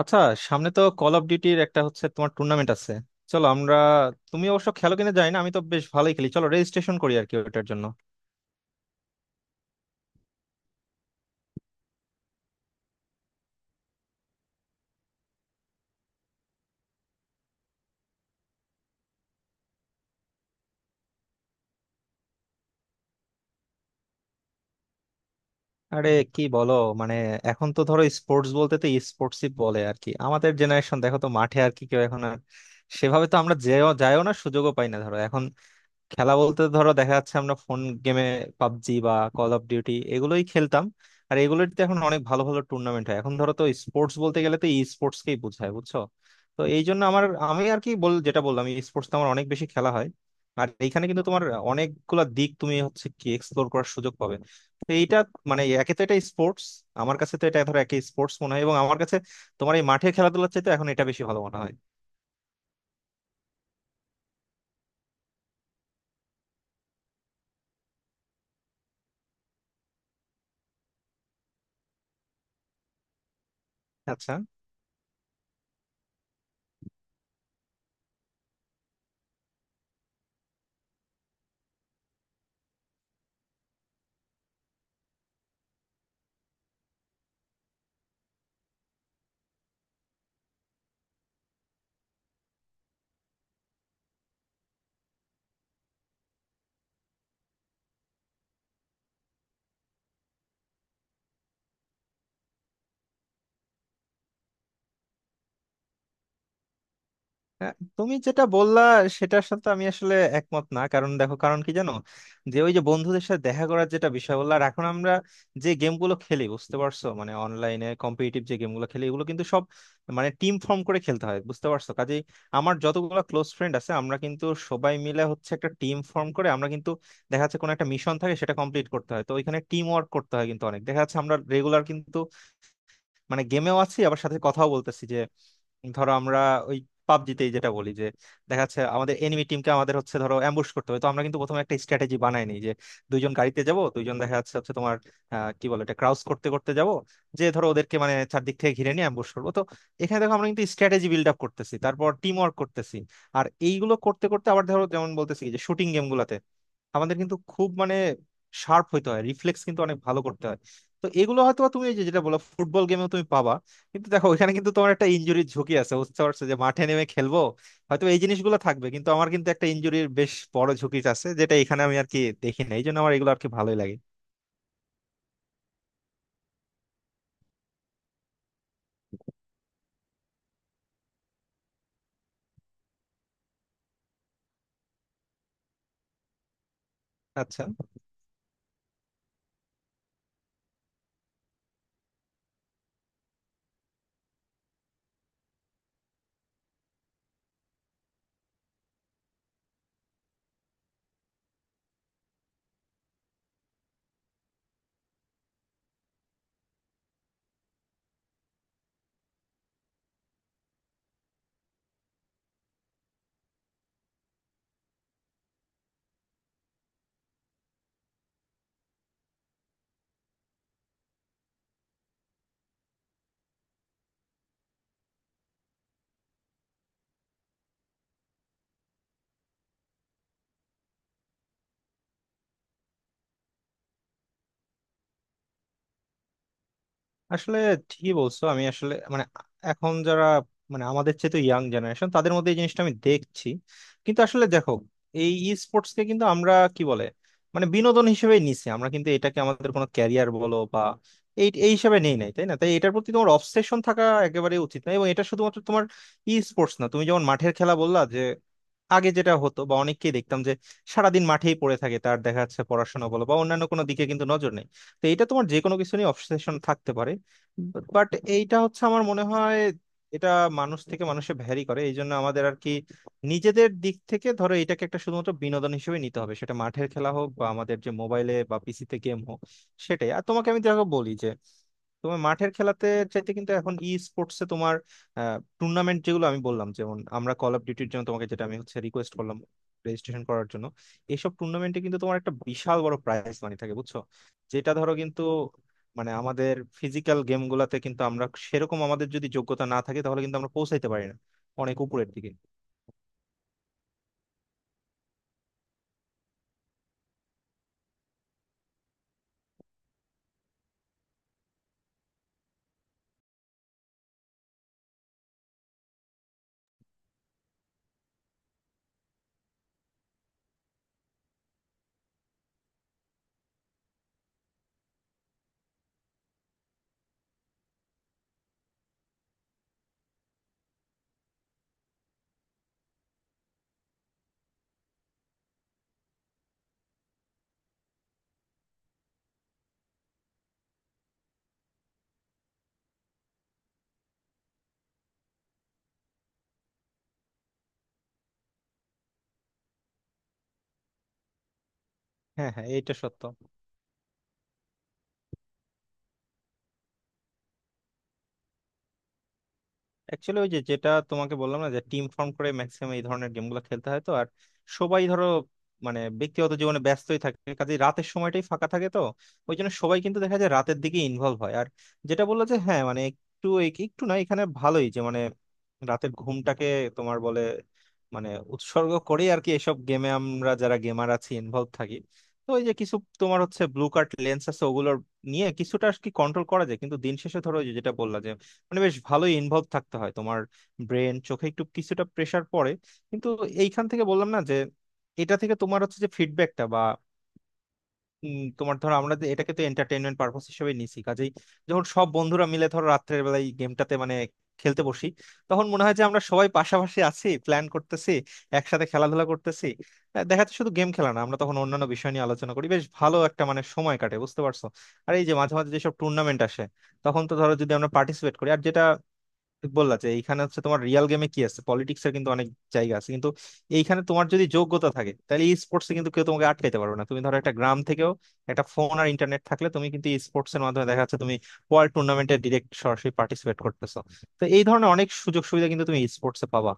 আচ্ছা। সামনে তো কল অফ ডিউটির একটা হচ্ছে, তোমার টুর্নামেন্ট আছে। চলো আমরা, তুমি অবশ্য খেলো কিনা জানি না, আমি তো বেশ ভালোই খেলি। চলো রেজিস্ট্রেশন করি আর কি ওটার জন্য। আরে কি বলো, মানে এখন তো ধরো স্পোর্টস বলতে তো স্পোর্টসই বলে আর কি। আমাদের জেনারেশন দেখো তো মাঠে আর কি কেউ এখন আর সেভাবে তো আমরা যেও যাইও না, সুযোগও পাই না ধরো এখন। খেলা বলতে ধরো দেখা যাচ্ছে আমরা ফোন গেমে পাবজি বা কল অফ ডিউটি এগুলোই খেলতাম। আর এগুলোতে এখন অনেক ভালো ভালো টুর্নামেন্ট হয়, এখন ধরো তো স্পোর্টস বলতে গেলে তো ই স্পোর্টস কেই বোঝায়, বুঝছো? তো এই জন্য আমার, আমি আর কি বল যেটা বললাম, ই স্পোর্টস আমার অনেক বেশি খেলা হয়। আর এইখানে কিন্তু তোমার অনেকগুলা দিক তুমি হচ্ছে কি এক্সপ্লোর করার সুযোগ পাবে। তো এইটা একে তো এটা স্পোর্টস, আমার কাছে তো এটা ধরো একে স্পোর্টস মনে হয়, এবং আমার কাছে তোমার এই মাঠে খেলাধুলার চাইতে এখন এটা বেশি ভালো মনে হয়। আচ্ছা। হ্যাঁ, তুমি যেটা বললা সেটার সাথে আমি আসলে একমত না। কারণ দেখো, কারণ কি জানো, যে ওই যে বন্ধুদের সাথে দেখা করার যেটা বিষয় বললা, আর এখন আমরা যে গেমগুলো খেলি বুঝতে পারছো, অনলাইনে কম্পিটিটিভ যে গেমগুলো খেলি এগুলো কিন্তু সব টিম ফর্ম করে খেলতে হয়, বুঝতে পারছো? কাজেই আমার যতগুলো ক্লোজ ফ্রেন্ড আছে, আমরা কিন্তু সবাই মিলে হচ্ছে একটা টিম ফর্ম করে আমরা কিন্তু দেখা যাচ্ছে কোনো একটা মিশন থাকে, সেটা কমপ্লিট করতে হয়, তো ওইখানে টিম ওয়ার্ক করতে হয়। কিন্তু অনেক দেখা যাচ্ছে আমরা রেগুলার কিন্তু গেমেও আছি, আবার সাথে কথাও বলতেছি। যে ধরো আমরা ওই পাবজিতে যেটা বলি যে দেখা যাচ্ছে আমাদের এনিমি টিমকে আমাদের হচ্ছে ধরো অ্যাম্বুশ করতে হবে, তো আমরা কিন্তু প্রথমে একটা স্ট্র্যাটেজি বানাই নি যে দুইজন গাড়িতে যাব, দুইজন দেখা যাচ্ছে হচ্ছে তোমার কি বলে এটা ক্রাউস করতে করতে যাব, যে ধরো ওদেরকে চারদিক থেকে ঘিরে নিয়ে অ্যাম্বুশ করবো। তো এখানে দেখো আমরা কিন্তু স্ট্র্যাটেজি বিল্ড আপ করতেছি, তারপর টিম ওয়ার্ক করতেছি। আর এইগুলো করতে করতে আবার ধরো যেমন বলতেছি যে শুটিং গেম গুলাতে আমাদের কিন্তু খুব শার্প হইতে হয়, রিফ্লেক্স কিন্তু অনেক ভালো করতে হয়। তো এগুলো হয়তো বা তুমি এই যে যেটা বলো ফুটবল গেমেও তুমি পাবা, কিন্তু দেখো ওইখানে কিন্তু তোমার একটা ইনজুরির ঝুঁকি আছে, বুঝতে পারছো? যে মাঠে নেমে খেলবো হয়তো এই জিনিসগুলো থাকবে, কিন্তু আমার কিন্তু একটা ইনজুরির বেশ বড় ঝুঁকি আছে যেটা এখানে আমি আর কি দেখি না, এই জন্য আমার এগুলো আর কি ভালোই লাগে। আচ্ছা। আসলে ঠিকই বলছো, আমি আসলে এখন যারা আমাদের চেয়ে তো ইয়াং জেনারেশন, তাদের মধ্যে এই জিনিসটা আমি দেখছি। কিন্তু আসলে দেখো, এই ই স্পোর্টস কে কিন্তু আমরা কি বলে বিনোদন হিসেবে নিছি, আমরা কিন্তু এটাকে আমাদের কোনো ক্যারিয়ার বলো বা এই এই হিসেবে নেই নাই, তাই না? তাই এটার প্রতি তোমার অবসেশন থাকা একেবারে উচিত না, এবং এটা শুধুমাত্র তোমার ই স্পোর্টস না, তুমি যেমন মাঠের খেলা বললা, যে আগে যেটা হতো বা অনেককেই দেখতাম যে সারাদিন মাঠেই পড়ে থাকে, তার দেখা যাচ্ছে পড়াশোনা বলো বা অন্যান্য কোনো দিকে কিন্তু নজর নেই। তো এটা তোমার যে কোনো কিছু নিয়ে অবসেশন থাকতে পারে। বাট এইটা হচ্ছে আমার মনে হয় এটা মানুষ থেকে মানুষে ভ্যারি করে। এই জন্য আমাদের আর কি নিজেদের দিক থেকে ধরো এটাকে একটা শুধুমাত্র বিনোদন হিসেবে নিতে হবে, সেটা মাঠের খেলা হোক বা আমাদের যে মোবাইলে বা পিসিতে গেম হোক, সেটাই। আর তোমাকে আমি দেখো বলি যে তোমার মাঠের খেলাতে চাইতে কিন্তু এখন ই স্পোর্টসে তোমার টুর্নামেন্ট যেগুলো আমি বললাম, যেমন আমরা কল অফ ডিউটির জন্য তোমাকে যেটা আমি হচ্ছে রিকোয়েস্ট করলাম রেজিস্ট্রেশন করার জন্য, এইসব টুর্নামেন্টে কিন্তু তোমার একটা বিশাল বড় প্রাইজ মানি থাকে, বুঝছো? যেটা ধরো কিন্তু আমাদের ফিজিক্যাল গেম গুলাতে কিন্তু আমরা সেরকম আমাদের যদি যোগ্যতা না থাকে তাহলে কিন্তু আমরা পৌঁছাইতে পারি না অনেক উপরের দিকে। হ্যাঁ হ্যাঁ, এটা সত্য। অ্যাকচুয়ালি ওই যে যেটা তোমাকে বললাম না, যে টিম ফর্ম করে ম্যাক্সিমাম এই ধরনের গেমগুলো খেলতে হয়, তো আর সবাই ধরো ব্যক্তিগত জীবনে ব্যস্তই থাকে কাজে, রাতের সময়টাই ফাঁকা থাকে, তো ওই জন্য সবাই কিন্তু দেখা যায় রাতের দিকে ইনভলভ হয়। আর যেটা বললো যে হ্যাঁ একটু একটু না, এখানে ভালোই যে রাতের ঘুমটাকে তোমার বলে মানে উৎসর্গ করে আর কি এসব গেমে আমরা যারা গেমার আছি ইনভলভ থাকি। তো ওই যে কিছু তোমার হচ্ছে ব্লু কার্ট লেন্স আছে, ওগুলোর নিয়ে কিছুটা আর কি কন্ট্রোল করা যায়। কিন্তু দিন শেষে ধরো ওই যে যেটা বললাম বেশ ভালোই ইনভলভ থাকতে হয়, তোমার ব্রেন চোখে একটু কিছুটা প্রেসার পড়ে। কিন্তু এইখান থেকে বললাম না যে এটা থেকে তোমার হচ্ছে যে ফিডব্যাকটা বা তোমার ধরো আমরা যে এটাকে তো এন্টারটেইনমেন্ট পারপাস হিসেবে নিছি, কাজেই যখন সব বন্ধুরা মিলে ধরো রাত্রের বেলায় গেমটাতে খেলতে বসি, তখন মনে হয় যে আমরা সবাই পাশাপাশি আছি, প্ল্যান করতেছি, একসাথে খেলাধুলা করতেছি। দেখা যাচ্ছে শুধু গেম খেলা না, আমরা তখন অন্যান্য বিষয় নিয়ে আলোচনা করি, বেশ ভালো একটা সময় কাটে, বুঝতে পারছো? আর এই যে মাঝে মাঝে যেসব টুর্নামেন্ট আসে, তখন তো ধরো যদি আমরা পার্টিসিপেট করি, আর যেটা বললা যে এইখানে হচ্ছে তোমার রিয়েল গেমে কি আছে পলিটিক্স এর কিন্তু অনেক জায়গা আছে, কিন্তু এইখানে তোমার যদি যোগ্যতা থাকে তাহলে ই স্পোর্টসে কিন্তু কেউ তোমাকে আটকাইতে পারবে না। তুমি ধরো একটা গ্রাম থেকেও একটা ফোন আর ইন্টারনেট থাকলে তুমি কিন্তু ই স্পোর্টস এর মাধ্যমে দেখা যাচ্ছে তুমি ওয়ার্ল্ড টুর্নামেন্টে ডিরেক্ট সরাসরি পার্টিসিপেট করতেছো। তো এই ধরনের অনেক সুযোগ সুবিধা কিন্তু তুমি ই স্পোর্টসে পাবা।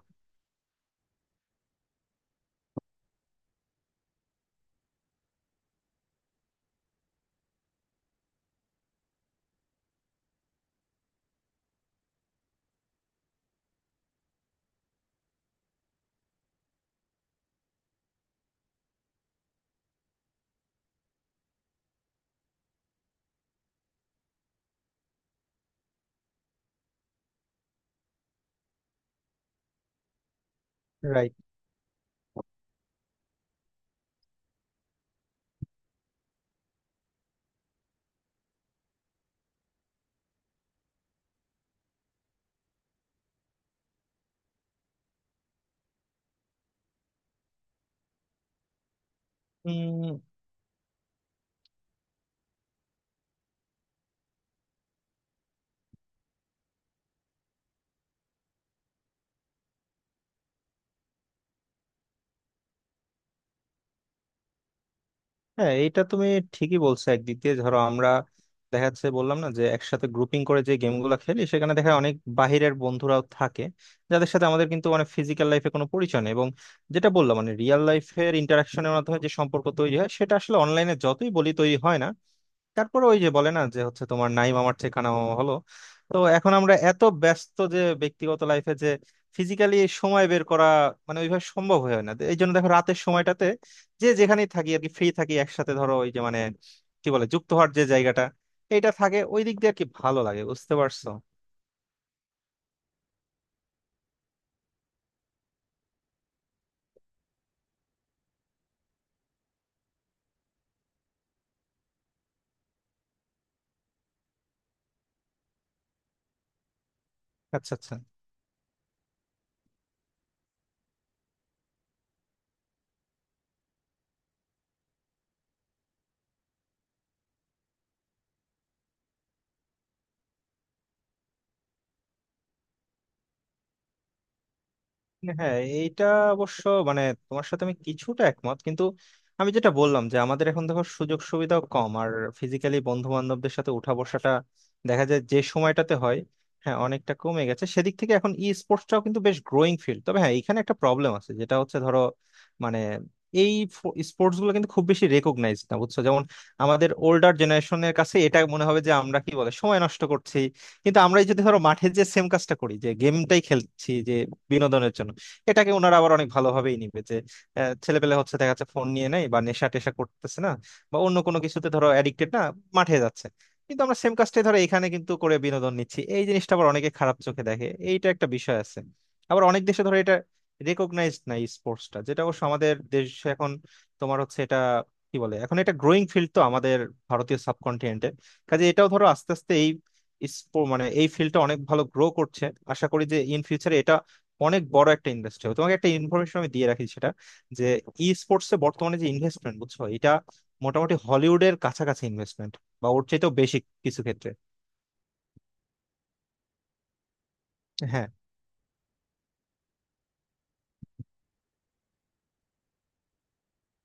রাইট। হ্যাঁ এটা তুমি ঠিকই বলছো। একদিক দিয়ে ধরো আমরা দেখা যাচ্ছে বললাম না যে একসাথে গ্রুপিং করে যে গেমগুলো খেলি, সেখানে দেখা যায় অনেক বাহিরের বন্ধুরাও থাকে যাদের সাথে আমাদের কিন্তু ফিজিক্যাল লাইফে কোনো পরিচয় নেই, এবং যেটা বললাম রিয়েল লাইফের ইন্টারাকশনের মাধ্যমে যে সম্পর্ক তৈরি হয়, সেটা আসলে অনলাইনে যতই বলি তৈরি হয় না। তারপরে ওই যে বলে না যে হচ্ছে তোমার নাইম আমার ঠিকানা মামা হলো। তো এখন আমরা এত ব্যস্ত যে ব্যক্তিগত লাইফে যে ফিজিক্যালি সময় বের করা ওইভাবে সম্ভব হয়ে হয় না। এই জন্য দেখো রাতের সময়টাতে যে যেখানেই থাকি আর কি ফ্রি থাকি, একসাথে ধরো ওই যে কি বলে যুক্ত হওয়ার যে জায়গাটা, এটা থাকে ওই দিক দিয়ে আর কি ভালো লাগে, বুঝতে পারছো? আচ্ছা আচ্ছা। হ্যাঁ এইটা অবশ্য মানে তোমার সাথে আমি কিছুটা একমত। কিন্তু আমি যেটা বললাম যে আমাদের এখন দেখো সুযোগ সুবিধাও কম, আর ফিজিক্যালি বন্ধু বান্ধবদের সাথে উঠা বসাটা দেখা যায় যে সময়টাতে হয়, হ্যাঁ অনেকটা কমে গেছে। সেদিক থেকে এখন ই স্পোর্টসটাও কিন্তু বেশ গ্রোয়িং ফিল্ড। তবে হ্যাঁ এখানে একটা প্রবলেম আছে যেটা হচ্ছে ধরো মানে এই স্পোর্টস গুলো কিন্তু খুব বেশি রেকগনাইজ না, বুঝছো? যেমন আমাদের ওল্ডার জেনারেশনের কাছে এটা মনে হবে যে আমরা কি বলে সময় নষ্ট করছি। কিন্তু আমরাই যদি ধরো মাঠে যে সেম কাজটা করি যে গেমটাই খেলছি যে বিনোদনের জন্য, এটাকে ওনারা আবার অনেক ভালোভাবেই নিবে যে ছেলেপেলে হচ্ছে দেখা যাচ্ছে ফোন নিয়ে নেয় বা নেশা টেশা করতেছে না, বা অন্য কোনো কিছুতে ধরো অ্যাডিক্টেড না, মাঠে যাচ্ছে। কিন্তু আমরা সেম কাজটাই ধরো এখানে কিন্তু করে বিনোদন নিচ্ছি, এই জিনিসটা আবার অনেকে খারাপ চোখে দেখে, এইটা একটা বিষয় আছে। আবার অনেক দেশে ধরো এটা রেকগনাইজড না স্পোর্টসটা, যেটা অবশ্য আমাদের দেশ এখন তোমার হচ্ছে এটা কি বলে এখন এটা গ্রোয়িং ফিল্ড তো আমাদের ভারতীয় সাবকন্টিনেন্টে। কাজে এটাও ধরো আস্তে আস্তে এই মানে এই ফিল্ডটা অনেক ভালো গ্রো করছে। আশা করি যে ইন ফিউচারে এটা অনেক বড় একটা ইন্ডাস্ট্রি হবে। তোমাকে একটা ইনফরমেশন আমি দিয়ে রাখি সেটা, যে ই স্পোর্টস এ বর্তমানে যে ইনভেস্টমেন্ট বুঝছো, এটা মোটামুটি হলিউডের কাছাকাছি ইনভেস্টমেন্ট বা ওর চাইতেও বেশি কিছু ক্ষেত্রে। হ্যাঁ